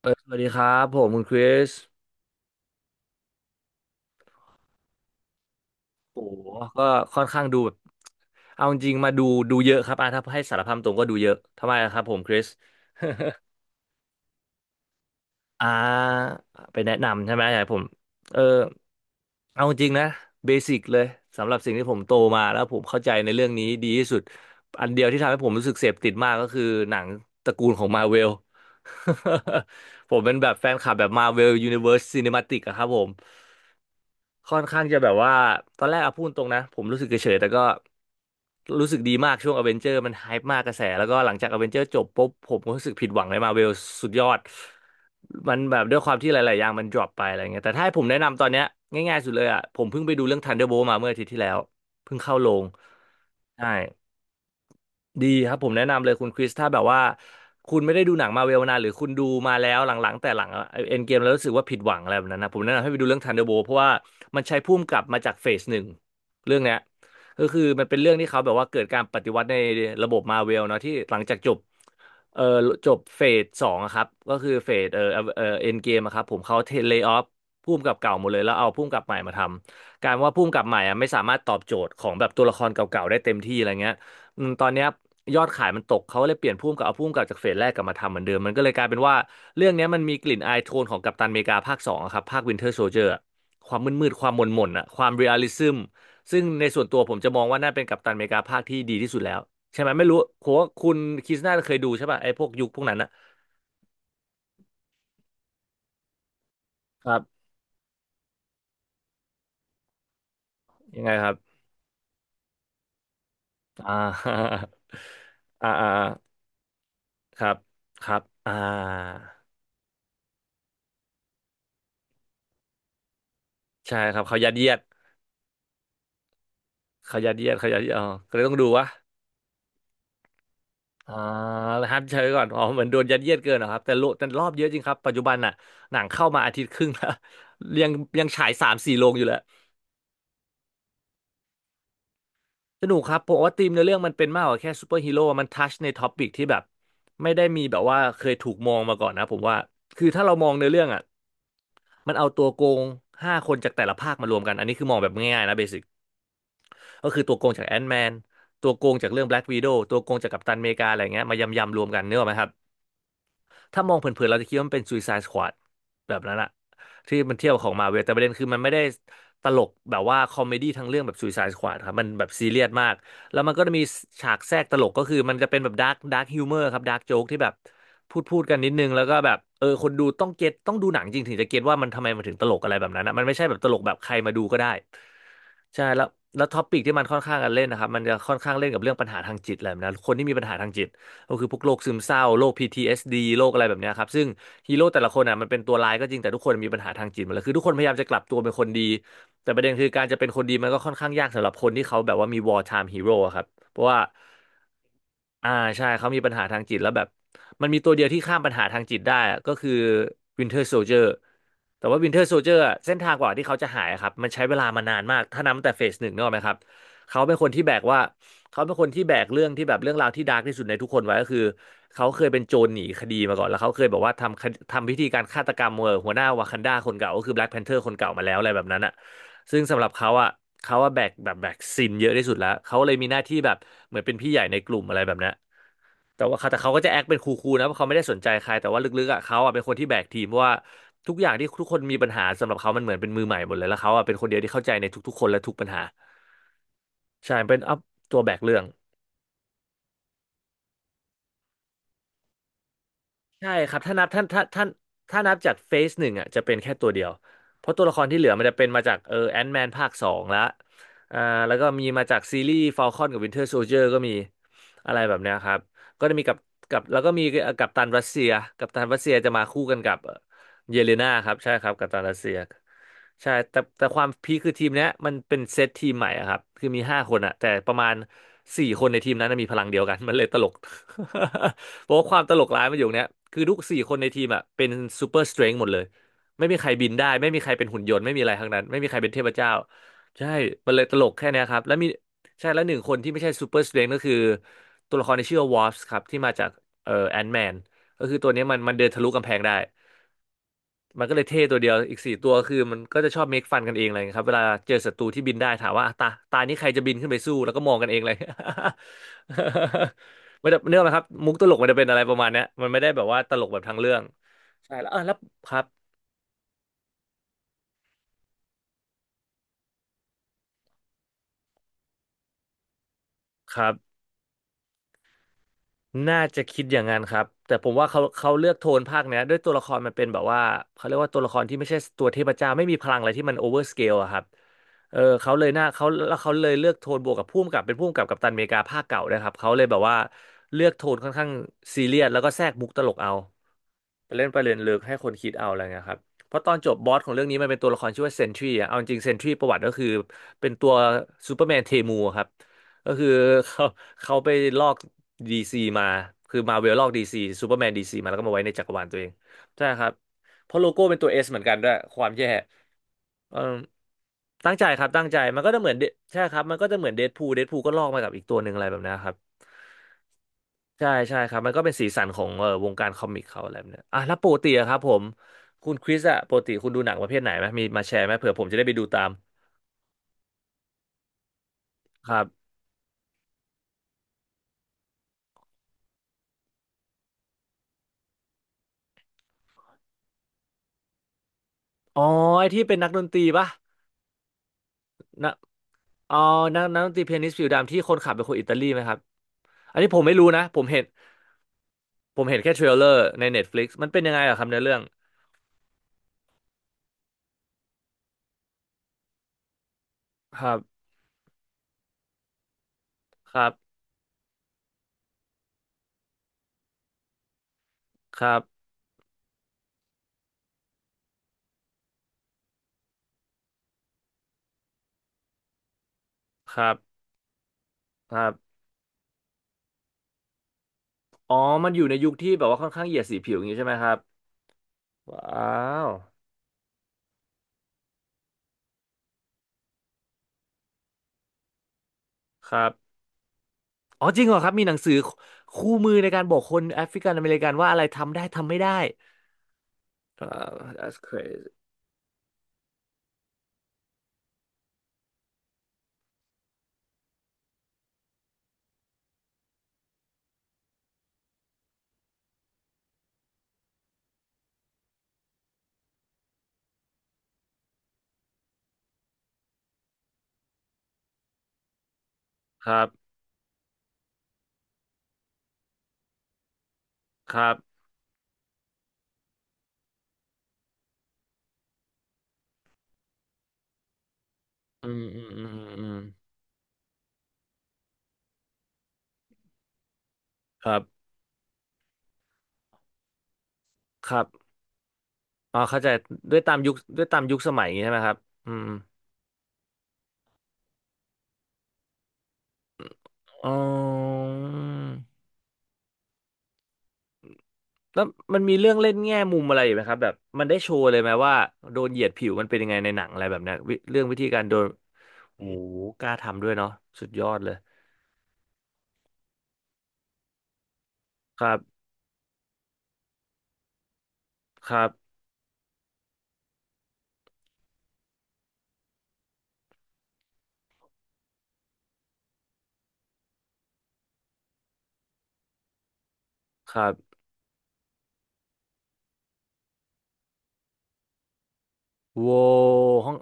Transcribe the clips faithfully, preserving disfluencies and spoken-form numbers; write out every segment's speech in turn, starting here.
เออสวัสดีครับผมคุณคริสโอ้โหก็ค่อนข้างดูแบบเอาจริงๆมาดูดูเยอะครับอ่ะถ้าให้สารภาพตรงก็ดูเยอะทำไมอะครับผมคริสอ่าไปแนะนำใช่ไหมอยากให้ผมเออเอาจริงนะเบสิกเลยสำหรับสิ่งที่ผมโตมาแล้วผมเข้าใจในเรื่องนี้ดีที่สุดอันเดียวที่ทำให้ผมรู้สึกเสพติดมากก็คือหนังตระกูลของมาเวล ผมเป็นแบบแฟนคลับแบบมาเวลยูนิเว r ร์สซ n นิม t ติกอะครับผมค่อนข้างจะแบบว่าตอนแรกอะพูดตรงนะผมรู้สึกเฉยๆแต่ก็รู้สึกดีมากช่วงอเวนเจอร์มันไฮป์มากกระแสแล้วก็หลังจากอเวนเจอร์จบปุ๊บผมก็รู้สึกผิดหวังในมาเวลสุดยอดมันแบบด้วยความที่หลายๆอย่างมันดรอปไปอะไรเงี้ยแต่ถ้าให้ผมแนะนำตอนเนี้ยง่ายๆสุดเลยอะผมเพิ่งไปดูเรื่อง Thunderbolt มาเมื่ออาทิตย์ที่แล้วเพิ่งเข้าโรงใช่ ดีครับผมแนะนำเลยคุณคริสถ้าแบบว่าคุณไม่ได้ดูหนังมาเวลนานหรือคุณดูมาแล้วหลังๆแต่หลังเอ็นเกมแล้วรู้สึกว่าผิดหวังอะไรแบบนั้นนะผมแนะนำให้ไปดูเรื่องทันเดอร์โบเพราะว่ามันใช้พุ่มกลับมาจากเฟสหนึ่งเรื่องเนี้ยก็คือมันเป็นเรื่องที่เขาแบบว่าเกิดการปฏิวัติในระบบมาเวลเนาะที่หลังจากจบเอ่อจบเฟสสองอะครับก็คือเฟสเอ่อเอ่อเอ็นเกมครับผมเขาเทเลย์ออฟพุ่มกับเก่าหมดเลยแล้วเอาพุ่มกับใหม่มาทำการว่าพุ่มกับใหม่อะไม่สามารถตอบโจทย์ของแบบตัวละครเก่าๆได้เต็มที่อะไรเงี้ย อืมตอนเนี้ยยอดขายมันตกเขาก็เลยเปลี่ยนผู้กำกับเอาผู้กำกับจากเฟสแรกกลับมาทำเหมือนเดิมมันก็เลยกลายเป็นว่าเรื่องเนี้ยมันมีกลิ่นอายโทนของกัปตันอเมริกาภาคสองอะครับภาควินเทอร์โซลเจอร์ความมืดๆความหม่นๆอ่ะความเรียลลิซึมซึ่งในส่วนตัวผมจะมองว่าน่าเป็นกัปตันอเมริกาภาคที่ดีที่สุดแล้วใช่ไหมไม่รู้โคว่าคุณคริสน่าจะเคยดูใช่ป่ะไอ้พวกยุคพวกนั้นนะครับยังไงครับอ่า อ่าอ่าครับครับอ่าใช่ครับเขายัดเยียดเขายัดเยียดเขายัดเยียดอ๋อก็เลยต้องดูวะ อ่าฮัทเชยก่อนอ๋อเหมือนโดนยัดเยียดเกินนะครับแต่โลแต่รอบเยอะจริงครับปัจจุบันน่ะหนังเข้ามาอาทิตย์ครึ่งแล้ว ยังยังฉายสามสี่โรงอยู่เลยสนุกครับผมว่าธีมในเรื่องมันเป็นมากกว่าแค่ซูเปอร์ฮีโร่มันทัชในท็อปิกที่แบบไม่ได้มีแบบว่าเคยถูกมองมาก่อนนะผมว่าคือถ้าเรามองในเรื่องอ่ะมันเอาตัวโกงห้าคนจากแต่ละภาคมารวมกันอันนี้คือมองแบบง่ายๆนะเบสิกก็คือตัวโกงจากแอนท์แมนตัวโกงจากเรื่องแบล็กวีโดตัวโกงจากกัปตันอเมริกาอะไรเงี้ยมายำๆรวมกันเนกอะไหมครับ ถ้ามองเผินๆ เราจะคิดว่ามันเป็น Suicide Squad แบบนั้นอะที่มันเทียบของมาเวลแต่ประเด็นคือมันไม่ได้ตลกแบบว่าคอมเมดี้ทั้งเรื่องแบบ Suicide Squad ครับมันแบบซีเรียสมากแล้วมันก็จะมีฉากแทรกตลกก็คือมันจะเป็นแบบดาร์กดาร์กฮิวเมอร์ครับดาร์กโจ๊กที่แบบพูดพูดกันนิดนึงแล้วก็แบบเออคนดูต้องเก็ตต้องดูหนังจริงถึงจะเก็ตว่ามันทำไมมันถึงตลกอะไรแบบนั้นนะมันไม่ใช่แบบตลกแบบใครมาดูก็ได้ใช่แล้วแล้วท็อปิกที่มันค่อนข้างกันเล่นนะครับมันจะค่อนข้างเล่นกับเรื่องปัญหาทางจิตอะไรแบบนะคนที่มีปัญหาทางจิต ก็คือพวกโรคซึมเศร้าโรค พี ที เอส ดี โรคอะไรแบบเนี้ยครับซึ่งฮีโร่แต่ละคนอ่ะมันเป็นตัวร้ายก็จริงแต่ทุกคนมีปัญหาทางจิตหมดเลยคือทุกคนพยายามจะกลับตัวเป็นคนดีแต่ประเด็นคือการจะเป็นคนดีมันก็ค่อนข้างยากสำหรับคนที่เขาแบบว่ามี war time hero อะครับเพราะว่าอ่าใช่เขามีปัญหาทางจิตแล้วแบบมันมีตัวเดียวที่ข้ามปัญหาทางจิตได้อะก็คือ Winter Soldier แต่ว่า Winter Soldier อะเส้นทางกว่าที่เขาจะหายอะครับมันใช้เวลามานานมากถ้านับตั้งแต่เฟสหนึ่งนึกออกไหมครับเขาเป็นคนที่แบกว่า เขาเป็นคนที่แบกเรื่องที่แบบเรื่องราวที่ดาร์กที่สุดในทุกคนไว้ก็คือเขาเคยเป็นโจรหนีคดีมาก่อนแล้วเขาเคยบอกว่าทำคดทำพิธีการฆาตกรรมเอ่อหัวหน้าวากันดาคนเก่าก็คือแบล็กแพนเทอร์คนเก่ามาแล้วอะไรแบบนั้นอ่ะซึ่งสำหรับเขาอ่ะเขาว่าแบกแบบแบกซินเยอะที่สุดแล้วเขาเลยมีหน้าที่แบบเหมือนเป็นพี่ใหญ่ในกลุ่มอะไรแบบนั้นแต่ว่าเขาแต่เขาก็จะแอคเป็นคูลๆนะเพราะเขาไม่ได้สนใจใครแต่ว่าลึกๆอ่ะเขาอ่ะเป็นคนที่แบกทีมเพราะว่าทุกอย่างที่ทุกคนมีปัญหาสำหรับเขามันเหมือนเป็นมือใหม่หมดเลยแล้วเขาอ่ะเป็นคนเดียวที่เข้าใจในทุกๆคนและทุกปัญหา ใช่เป็นอัพตัวแบกเรื่องใช่ครับถ้านับท่านถ้าท่านถ้านับจากเฟสหนึ่งอ่ะจะเป็นแค่ตัวเดียวเพราะตัวละครที่เหลือมันจะเป็นมาจากเออแอนแมนภาคสองละอ่าแล้วก็มีมาจากซีรีส์ฟ a ลคอนกับวินเทอร์โซ i เ r อร์ก็มีอะไรแบบเนี้ยครับก็จะมีกับกับแล้วก็มีกัปตันรัสเซียกัปตันรัสเซียจะมาคู่กันกับเยเลนาครับใช่ครับกัปตันรัสเซีย ใช่แต่แต่ความพีคคือทีมเนี้ยมันเป็นเซตทีมใหม่อะครับคือมีห้าคนอะแต่ประมาณสี่คนในทีมนั้นนะมีพลังเดียวกัน มันเลยตลก เพราะว่าความตลกร้ายมันอยู่งเนี้ยคือทุกสี่คนในทีมอะเป็นซูเปอร์สเตรน h หมดเลยไม่มีใครบินได้ไม่มีใครเป็นหุ่นยนต์ไม่มีอะไรทั้งนั้นไม่มีใครเป็นเทพเจ้าใช่มันเลยตลกแค่เนี้ยครับแล้วมีใช่แล้วหนึ่งคนที่ไม่ใช่ซูเปอร์สเตรน h ก็คือตัวละครที่ชื่อวอ a สครับที่มาจากเอ่อแอนแมนก็คือตัวเนี้ยมันมันเดินทะลุกำแพงได้ มันก็เลยเท่ตัวเดียวอีกสี่ตัวคือมันก็จะชอบเมคฟันกันเองอะไรเงี้ยครับเวลาเจอศัตรูที่บินได้ถามว่าอ่ะตาตานี้ใครจะบินขึ้นไปสู้แล้วก็มองกันเองเลย มันจะเนื่องนะครับมุกตลกมันจะเป็นอะไรประมาณเนี้ยมันไม่ได้แบบว่าตลกแบบทางเรื่องใช่แล้วอ่ะแล้วครับครับ น่าจะคิดอย่างนั้นครับแต่ผมว่าเขาเขาเลือกโทนภาคเนี้ยด้วยตัวละครมันเป็นแบบว่าเขาเรียกว่าตัวละครที่ไม่ใช่ตัวเทพเจ้าไม่มีพลังอะไรที่มันโอเวอร์สเกลอะครับเออเขาเลยหน่าเขาแล้วเขาเลยเลือกโทนบวกกับพุ่มกับเป็นพุ่มกับกัปตันอเมริกาภาคเก่าด้วยครับเขาเลยแบบว่าเลือกโทนค่อนข้างซีเรียสแล้วก็แทรกมุกตลกเอา ไปเล่นประเด็นลึกให้คนคิดเอาอะไรเงี้ยครับ เพราะตอนจบบอสของเรื่องนี้มันเป็นตัวละครชื่อว่าเซนทรีอ่ะเอาจริงเซนทรีประวัติก็คือเป็นตัวซูเปอร์แมนเทมูครับก็คือ เขาเขาไปลอกดีซีมาคือมาเวลลอกดีซีซูเปอร์แมนดีซีมาแล้วก็มาไว้ในจักรวาลตัวเองใช่ครับ เพราะโลโก้เป็นตัวเอสเหมือนกันด้วยความแย่เออตั้งใจครับตั้งใจมันก็จะเหมือน Dead- ใช่ครับมันก็จะเหมือนเดดพูลเดดพูลก็ลอกมากับอีกตัวหนึ่งอะไรแบบนี้ครับ ใช่ใช่ครับมันก็เป็นสีสันของเอ่อวงการคอมิกเขาอะไรแบบเนี้ยอ่ะแล้วปกติอะครับผมคุณคริสอะปกติคุณดูหนังประเภทไหนไหมมีมาแชร์ไหมเผื่อผมจะได้ไปดูตามครับอ๋อไอที่เป็นนักดนตรีปะนะอ๋อนักนักดนตรีเปียนิสผิวดำที่คนขับเป็นคนอิตาลีไหมครับอันนี้ผมไม่รู้นะผมเห็นผมเห็นแค่เทรลเลอร์ใน เน็ตฟลิกซ์ มันเป็นยังไงอะครับในเรื่องครับครับครับครับครับอ๋อมันอยู่ในยุคที่แบบว่าค่อนข้างเหยียดสีผิวอย่างนี้ใช่ไหมครับว้าวครับ อ๋อจริงเหรอครับมีหนังสือคู่มือในการบอกคนแอฟริกันอเมริกันว่าอะไรทำได้ทำไม่ได้เอ่อ that's crazy ครับครับอืมอืมอืมอืมอืมครับครับอ๋อเข้าใจด้วยตามยุคด้วยตามยุคสมัยอย่างนี้ใช่ไหมครับอืมอ๋อแล้วมันมีเรื่องเล่นแง่มุมอะไรอยู่ไหมครับแบบมันได้โชว์เลยไหมว่าโดนเหยียดผิวมันเป็นยังไงในหนังอะไรแบบเนี้ยวิเรื่องวิธีการโดนโอ้โหกล้าทำด้วยเนาะสุดยอดเลยครับครับครับโว้ห้อง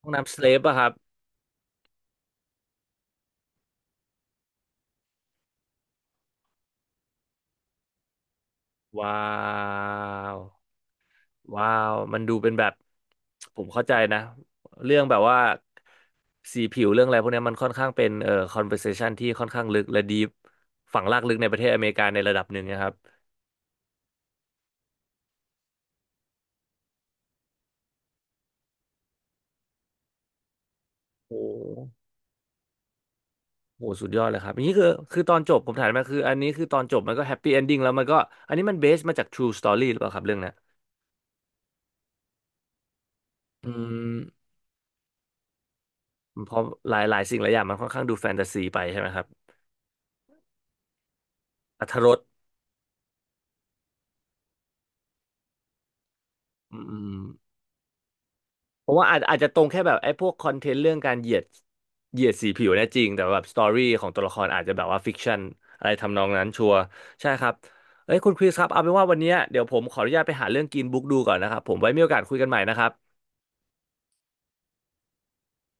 ห้องน้ำสเลปอะครับว้าวว้าวมันดูเป็นแบบผมเข้าใจนะเรื่องแบบว่าสีผิวเรื่องอะไรพวกเนี้ยมันค่อนข้างเป็นเอ่อ conversation ที่ค่อนข้างลึกและดีฝังรากลึกในประเทศอเมริกาในระดับหนึ่งนะครับโอ้โหสุดยอดเลยครับนี่คือคือตอนจบผมถามมาคืออันนี้คือตอนจบมันก็แฮปปี้เอนดิ้งแล้วมันก็อันนี้มันเบสมาจาก ทรูสตอรี่ หรือเปล่าครับเรื่องเนี้ยอืมเพราะหลายหลายสิ่งหลายอย่างมันค่อนข้างดูแฟนตาซีไปใช่ไหมครับอรรถรสอืม ผมว่าอาจอาจจะตรงแค่แบบไอ้พวกคอนเทนต์เรื่องการเหยียดเหยียดสีผิวเนี่ยจริงแต่แบบสตอรี่ของตัวละครอาจจะแบบว่าฟิกชันอะไรทำนองนั้นชัวร์ใช่ครับเอ้ยคุณคริสครับเอาเป็นว่าวันเนี้ยเดี๋ยวผมขออนุญาตไปหาเรื่องกินบุ๊กดูก่อนนะครับผมไว้มีโอกาสคุยกันใหม่นะครับ